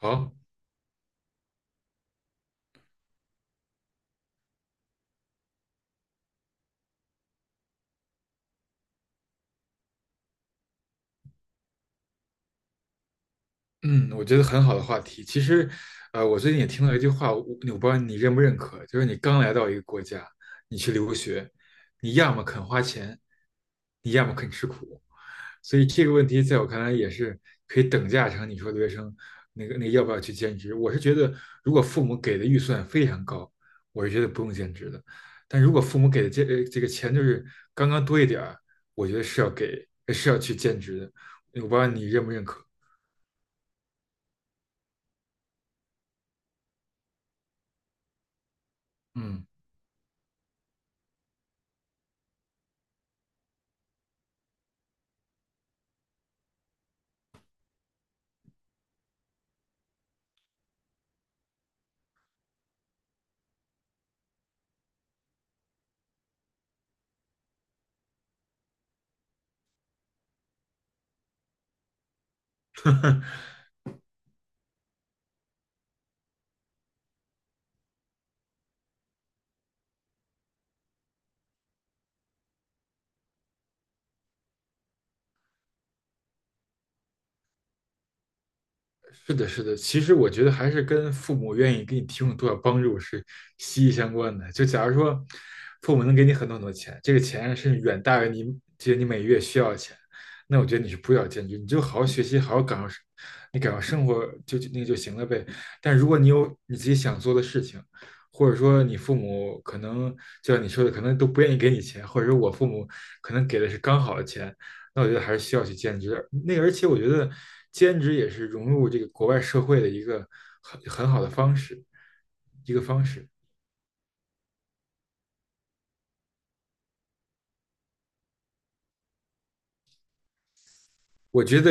好，嗯，我觉得很好的话题。其实，我最近也听到一句话，我不知道你认不认可，就是你刚来到一个国家，你去留学，你要么肯花钱，你要么肯吃苦。所以这个问题在我看来也是可以等价成你说留学生那个要不要去兼职。我是觉得，如果父母给的预算非常高，我是觉得不用兼职的。但如果父母给的这个钱就是刚刚多一点儿，我觉得是是要去兼职的。我不知道你认不认可。嗯，是的，是的。其实我觉得还是跟父母愿意给你提供多少帮助是息息相关的。就假如说，父母能给你很多很多钱，这个钱是远大于你每月需要的钱，那我觉得你是不要兼职，你就好好学习，好好感受生活就那个就行了呗。但如果你有你自己想做的事情，或者说你父母可能就像你说的，可能都不愿意给你钱，或者说我父母可能给的是刚好的钱，那我觉得还是需要去兼职。而且我觉得兼职也是融入这个国外社会的一个很好的方式，一个方式。我觉得，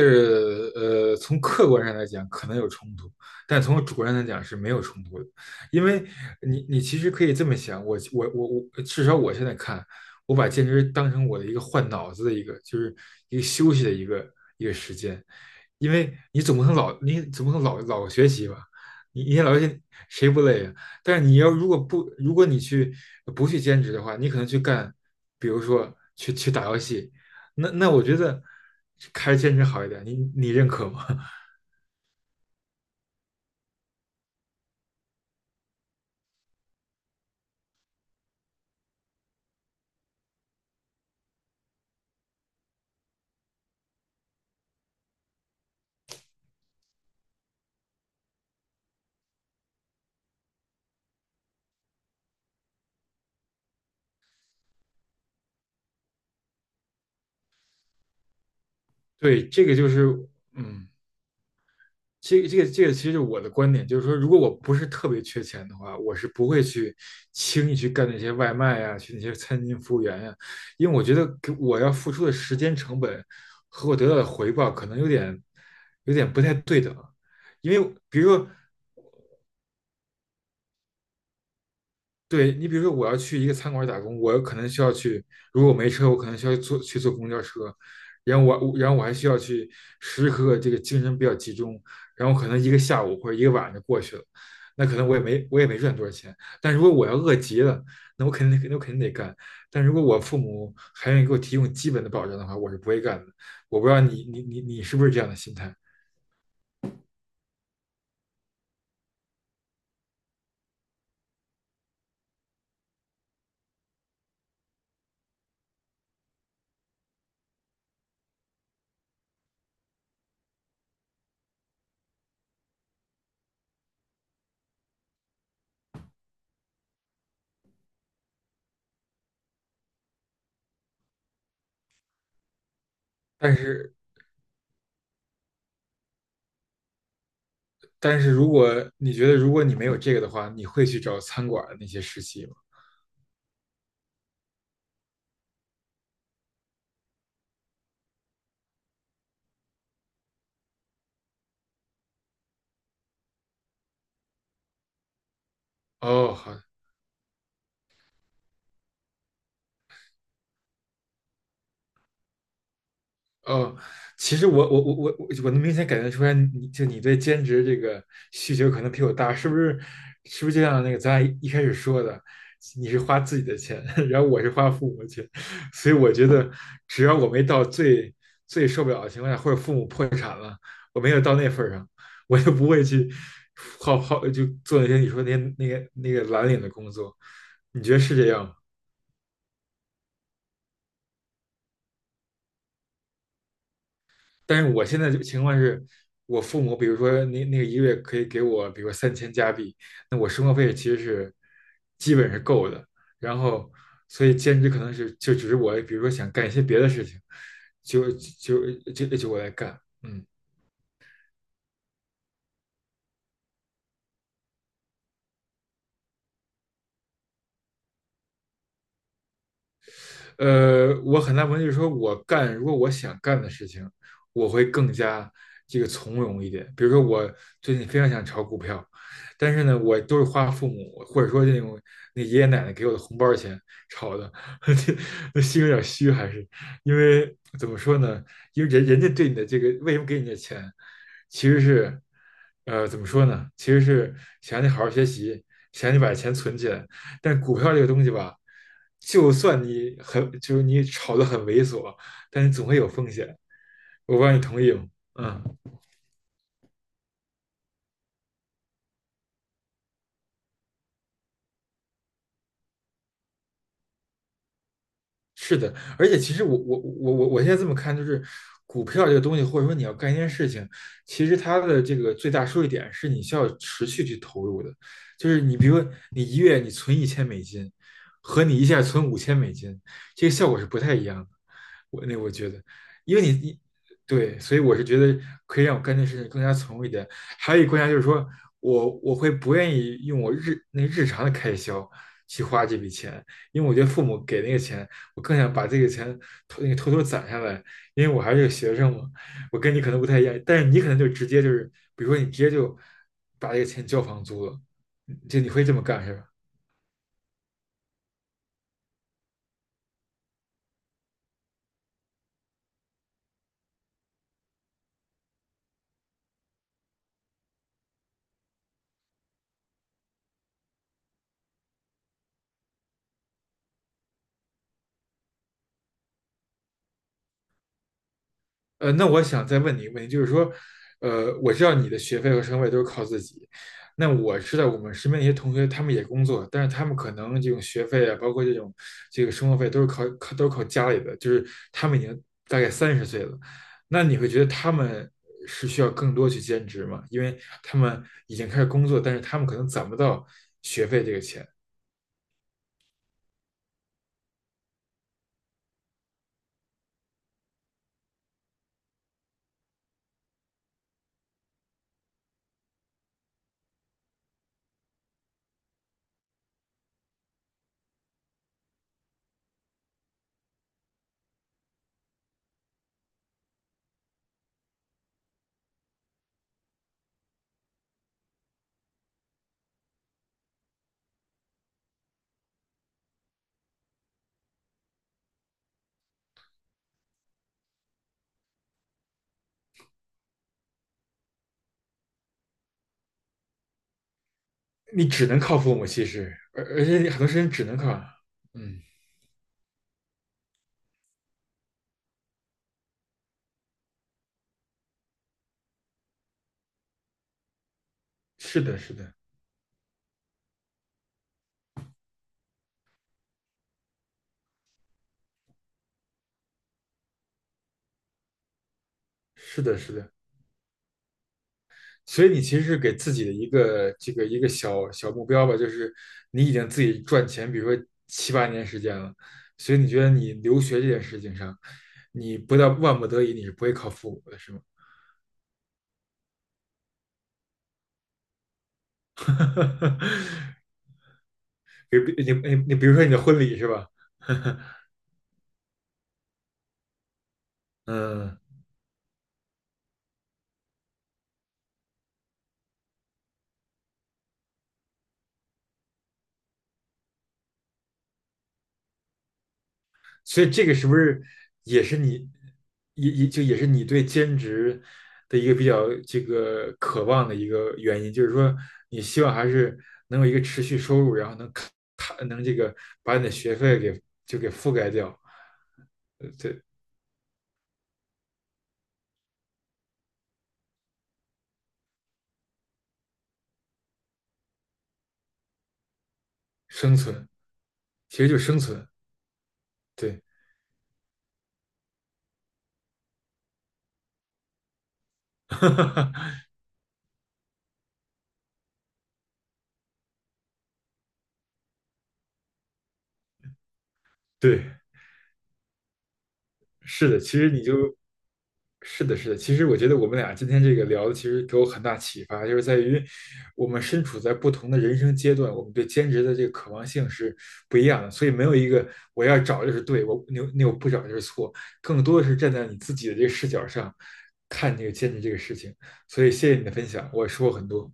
从客观上来讲可能有冲突，但从主观上来讲是没有冲突的，因为你其实可以这么想，我，至少我现在看，我把兼职当成我的一个换脑子的一个，就是一个休息的一个时间，因为你总不能学习吧，你老学习谁不累啊？但是你要如果不如果你去不去兼职的话，你可能去干，比如说去打游戏，那我觉得开兼职好一点，你认可吗？对，这个就是，嗯，这个其实我的观点就是说，如果我不是特别缺钱的话，我是不会去轻易去干那些外卖呀、去那些餐厅服务员呀、因为我觉得给我要付出的时间成本和我得到的回报可能有点不太对等，因为比如说对你，比如说我要去一个餐馆打工，我有可能需要去，如果没车，我可能需要坐公交车，然后然后我还需要去时时刻刻这个精神比较集中，然后可能一个下午或者一个晚上就过去了，那可能我也没赚多少钱，但如果我要饿极了，那我肯定得干，但如果我父母还愿意给我提供基本的保障的话，我是不会干的。我不知道你是不是这样的心态，但是但是如果你觉得如果你没有这个的话，你会去找餐馆的那些实习吗？哦，好，哦，其实我能明显感觉出来你，你对兼职这个需求可能比我大，是不是？是不是就像那个咱俩一开始说的，你是花自己的钱，然后我是花父母的钱，所以我觉得只要我没到最受不了的情况下，或者父母破产了，我没有到那份儿上，我就不会去好好就做那些那个蓝领的工作，你觉得是这样吗？但是我现在这个情况是，我父母比如说1个月可以给我，比如说3000加币，那我生活费其实是基本是够的。然后，所以兼职可能是就只是我，比如说想干一些别的事情，就就就我来干。嗯。我很大部分就是说我干，如果我想干的事情，我会更加这个从容一点。比如说，我最近非常想炒股票，但是呢，我都是花父母或者说那种那爷爷奶奶给我的红包钱炒的，那心有点虚，还是因为怎么说呢？因为人家对你的这个为什么给你的钱，其实是怎么说呢？其实是想让你好好学习，想让你把钱存起来，但股票这个东西吧，就算你很就是你炒得很猥琐，但是总会有风险。我不知道你同意吗？嗯。是的，而且其实我现在这么看，就是股票这个东西，或者说你要干一件事情，其实它的这个最大收益点是你需要持续去投入的。就是你比如说你一月你存1000美金，和你一下存5000美金，这个效果是不太一样的。那我觉得，因为你对，所以我是觉得可以让我干这事情更加从容一点。还有一个观察就是说我会不愿意用我日那个日常的开销去花这笔钱，因为我觉得父母给那个钱。我更想把这个钱偷那个偷偷攒下来，因为我还是个学生嘛，我跟你可能不太一样，但是你可能就直接就是，比如说你直接就把这个钱交房租了，嗯就你会这么干是吧？那我想再问你一个问题，就是说，我知道你的学费和生活费都是靠自己，那我知道我们身边一些同学，他们也工作，但是他们可能这种学费啊，包括这种这个生活费都是靠家里的，就是他们已经大概30岁了，那你会觉得他们是需要更多去兼职吗？因为他们已经开始工作，但是他们可能攒不到学费这个钱，你只能靠父母，其实，而且很多事情只能靠，嗯，是的，是的，是的，是的。所以你其实是给自己的一个小小目标吧，就是你已经自己赚钱，比如说7、8年时间了，所以你觉得你留学这件事情上，你不到万不得已，你是不会靠父母的，是吗？比如你，比如说你的婚礼是吧？嗯，所以这个是不是也是你也是你对兼职的一个比较这个渴望的一个原因？就是说，你希望还是能有一个持续收入，然后能看能这个把你的学费给就给覆盖掉，对，生存其实就生存，对，对。是的，其实你就是的，是的。其实我觉得我们俩今天这个聊的，其实给我很大启发，就是在于我们身处在不同的人生阶段，我们对兼职的这个渴望性是不一样的。所以没有一个我要找就是对，我那那我不找就是错，更多的是站在你自己的这个视角上看这个兼职这个事情。所以谢谢你的分享，我说获很多。